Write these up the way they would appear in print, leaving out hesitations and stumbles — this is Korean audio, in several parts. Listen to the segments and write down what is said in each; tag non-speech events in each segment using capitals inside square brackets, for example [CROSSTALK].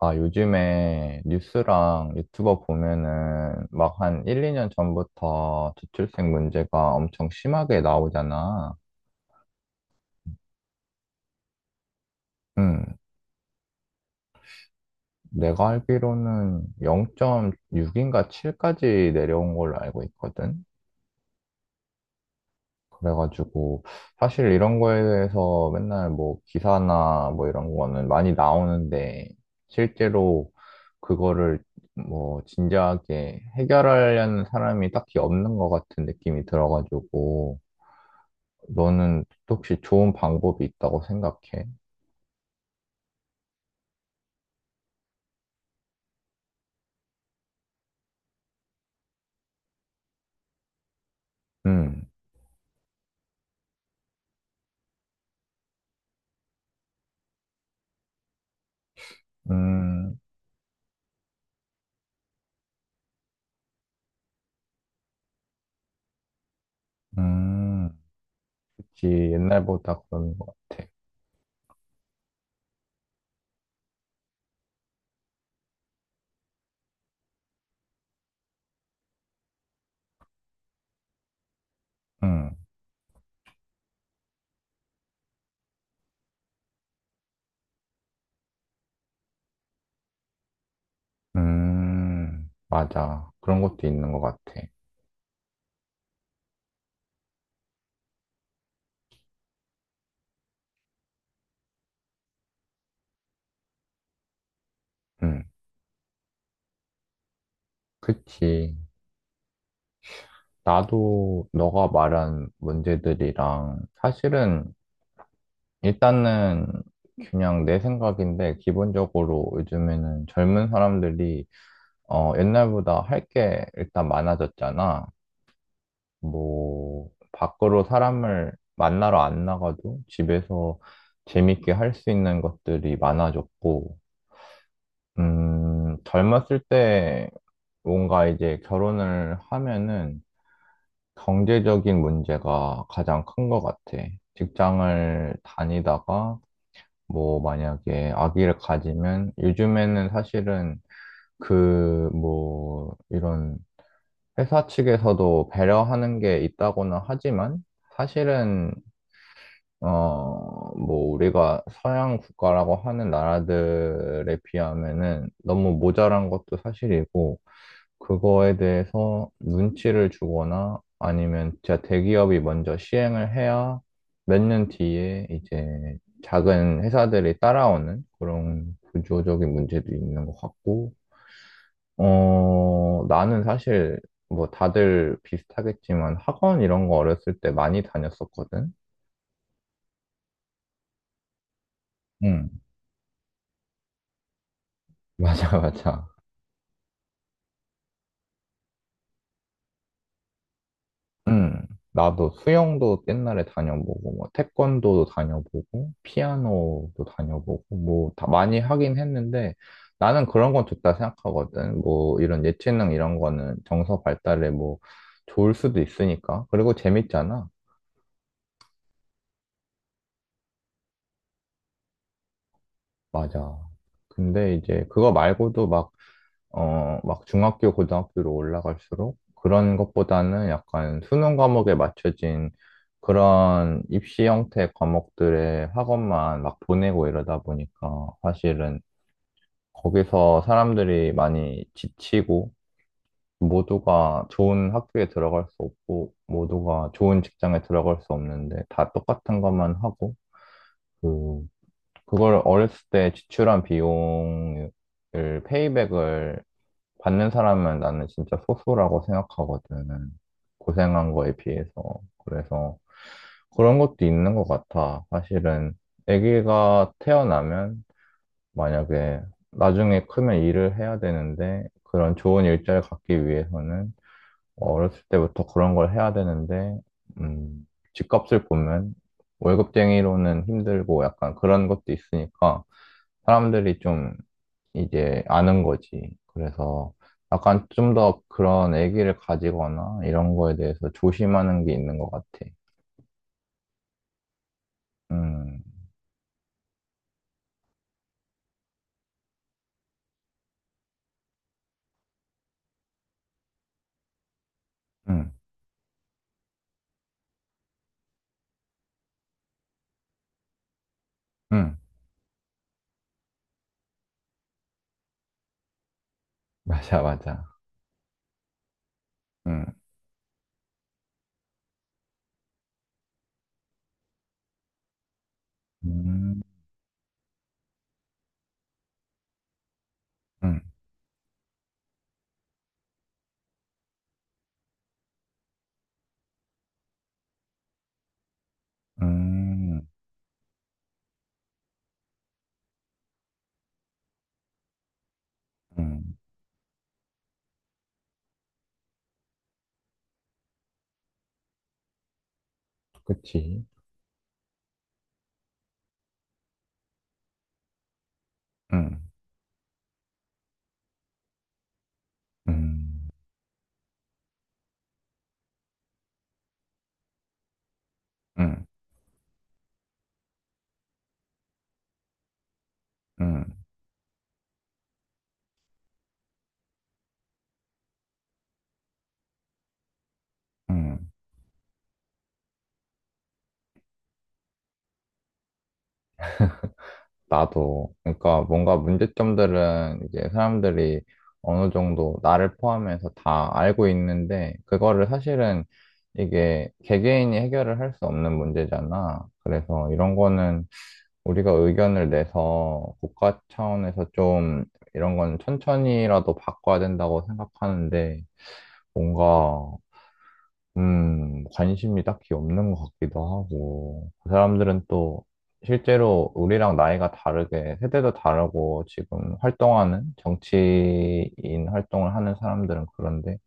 아, 요즘에 뉴스랑 유튜버 보면은 막 한 1, 2년 전부터 저출생 문제가 엄청 심하게 나오잖아. 음, 내가 알기로는 0.6인가 7까지 내려온 걸로 알고 있거든. 그래가지고 사실 이런 거에 대해서 맨날 뭐 기사나 뭐 이런 거는 많이 나오는데 실제로 그거를 뭐 진지하게 해결하려는 사람이 딱히 없는 것 같은 느낌이 들어가지고 너는 혹시 좋은 방법이 있다고 생각해? 음, 음, 음, 그치. 옛날보다 그런 것 같아. 음, 맞아. 그런 것도 있는 것 같아. 음, 그치. 나도 너가 말한 문제들이랑 사실은 일단은 그냥 내 생각인데 기본적으로 요즘에는 젊은 사람들이 어 옛날보다 할 게 일단 많아졌잖아. 뭐 밖으로 사람을 만나러 안 나가도 집에서 재밌게 할 수 있는 것들이 많아졌고 젊었을 때 뭔가 이제 결혼을 하면은 경제적인 문제가 가장 큰 것 같아. 직장을 다니다가 뭐 만약에 아기를 가지면 요즘에는 사실은 그 뭐 이런 회사 측에서도 배려하는 게 있다고는 하지만 사실은 어 뭐 우리가 서양 국가라고 하는 나라들에 비하면은 너무 모자란 것도 사실이고 그거에 대해서 눈치를 주거나 아니면 진짜 대기업이 먼저 시행을 해야 몇 년 뒤에 이제 작은 회사들이 따라오는 그런 구조적인 문제도 있는 것 같고, 어, 나는 사실 뭐 다들 비슷하겠지만 학원 이런 거 어렸을 때 많이 다녔었거든? 응, [LAUGHS] 맞아, 맞아. 음, 나도 수영도 옛날에 다녀보고, 뭐, 태권도도 다녀보고, 피아노도 다녀보고, 뭐, 다 많이 하긴 했는데, 나는 그런 건 좋다 생각하거든. 뭐, 이런 예체능 이런 거는 정서 발달에 뭐, 좋을 수도 있으니까. 그리고 재밌잖아. 맞아. 근데 이제 그거 말고도 막 어, 막 중학교, 고등학교로 올라갈수록 그런 것보다는 약간 수능 과목에 맞춰진 그런 입시 형태 과목들의 학원만 막 보내고 이러다 보니까 사실은 거기서 사람들이 많이 지치고 모두가 좋은 학교에 들어갈 수 없고 모두가 좋은 직장에 들어갈 수 없는데 다 똑같은 것만 하고 그 그걸 어렸을 때 지출한 비용을 페이백을 받는 사람은 나는 진짜 소수라고 생각하거든. 고생한 거에 비해서. 그래서 그런 것도 있는 것 같아. 사실은 아기가 태어나면 만약에 나중에 크면 일을 해야 되는데 그런 좋은 일자리를 갖기 위해서는 어렸을 때부터 그런 걸 해야 되는데 음, 집값을 보면 월급쟁이로는 힘들고 약간 그런 것도 있으니까 사람들이 좀 이제 아는 거지. 그래서 약간 좀 더 그런 애기를 가지거나 이런 거에 대해서 조심하는 게 있는 것 같아. 음, 음, 음, [LAUGHS] 맞아, 맞아. 음, 음, 음, 음, 음, 그치. 음, 음, 음, 음, 음. 나도. 그러니까 뭔가 문제점들은 이제 사람들이 어느 정도 나를 포함해서 다 알고 있는데, 그거를 사실은 이게 개개인이 해결을 할 수 없는 문제잖아. 그래서 이런 거는 우리가 의견을 내서 국가 차원에서 좀 이런 건 천천히라도 바꿔야 된다고 생각하는데, 뭔가 관심이 딱히 없는 것 같기도 하고, 그 사람들은 또 실제로 우리랑 나이가 다르게, 세대도 다르고, 지금 활동하는, 정치인 활동을 하는 사람들은 그런데,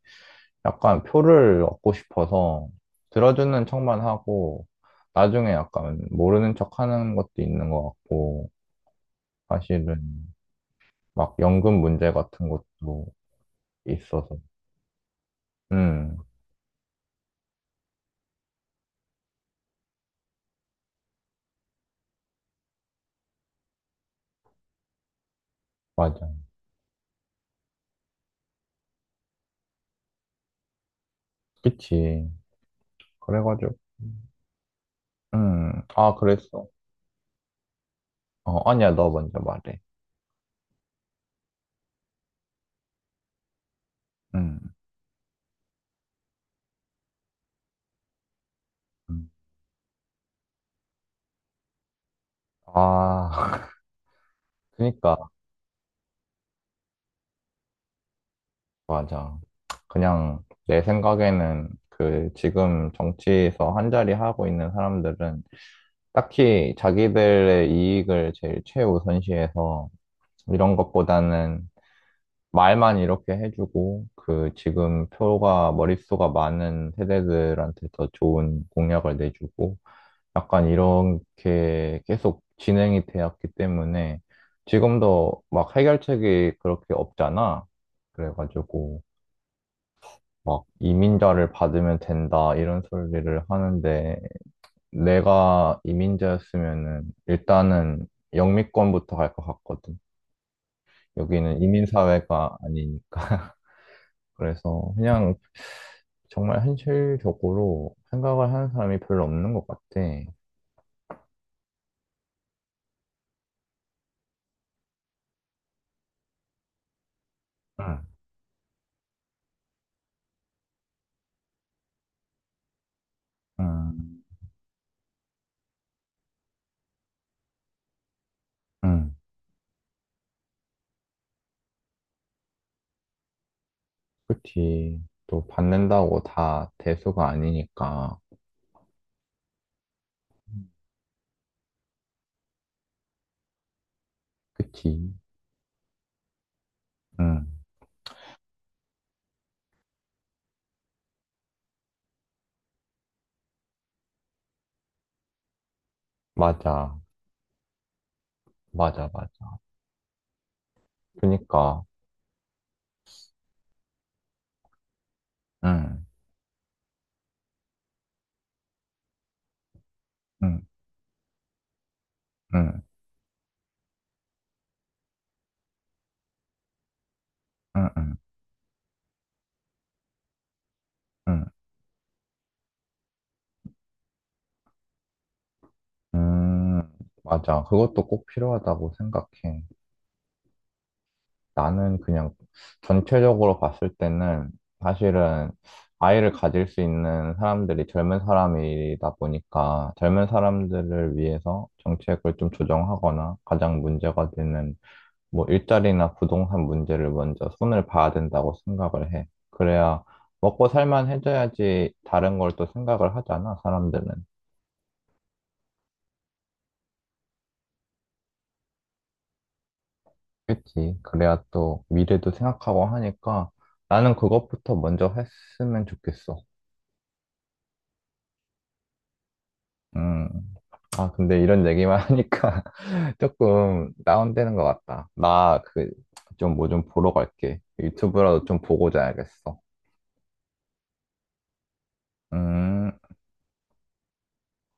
약간 표를 얻고 싶어서 들어주는 척만 하고, 나중에 약간 모르는 척 하는 것도 있는 것 같고, 사실은 막 연금 문제 같은 것도 있어서, 음, 맞아. 그치. 그래가지고, 아, 그랬어? 어, 아니야, 너 먼저 말해. 음. 음. 아, [LAUGHS] 그니까, 맞아. 그냥 내 생각에는 그 지금 정치에서 한자리 하고 있는 사람들은 딱히 자기들의 이익을 제일 최우선시해서 이런 것보다는 말만 이렇게 해주고 그 지금 표가 머릿수가 많은 세대들한테 더 좋은 공약을 내주고 약간 이렇게 계속 진행이 되었기 때문에 지금도 막 해결책이 그렇게 없잖아. 그래가지고 막 이민자를 받으면 된다 이런 소리를 하는데 내가 이민자였으면은 일단은 영미권부터 갈 것 같거든. 여기는 이민사회가 아니니까. [LAUGHS] 그래서 그냥 정말 현실적으로 생각을 하는 사람이 별로 없는 것 같아. 응. 응 응. 그치. 또 받는다고 다 대수가 아니니까. 그치. 응. 맞아. 맞아, 맞아. 그니까. 응. 응. 응. 응. 응. 응. 음. 맞아. 그것도 꼭 필요하다고 생각해. 나는 그냥 전체적으로 봤을 때는 사실은 아이를 가질 수 있는 사람들이 젊은 사람이다 보니까 젊은 사람들을 위해서 정책을 좀 조정하거나 가장 문제가 되는 뭐 일자리나 부동산 문제를 먼저 손을 봐야 된다고 생각을 해. 그래야 먹고 살만 해줘야지 다른 걸 또 생각을 하잖아, 사람들은. 그치. 그래야 또 미래도 생각하고 하니까 나는 그것부터 먼저 했으면 좋겠어. 음. 아, 근데 이런 얘기만 하니까 [LAUGHS] 조금 다운되는 것 같다. 나 그 좀 뭐 좀 보러 갈게. 유튜브라도 좀 보고 자야겠어. 음.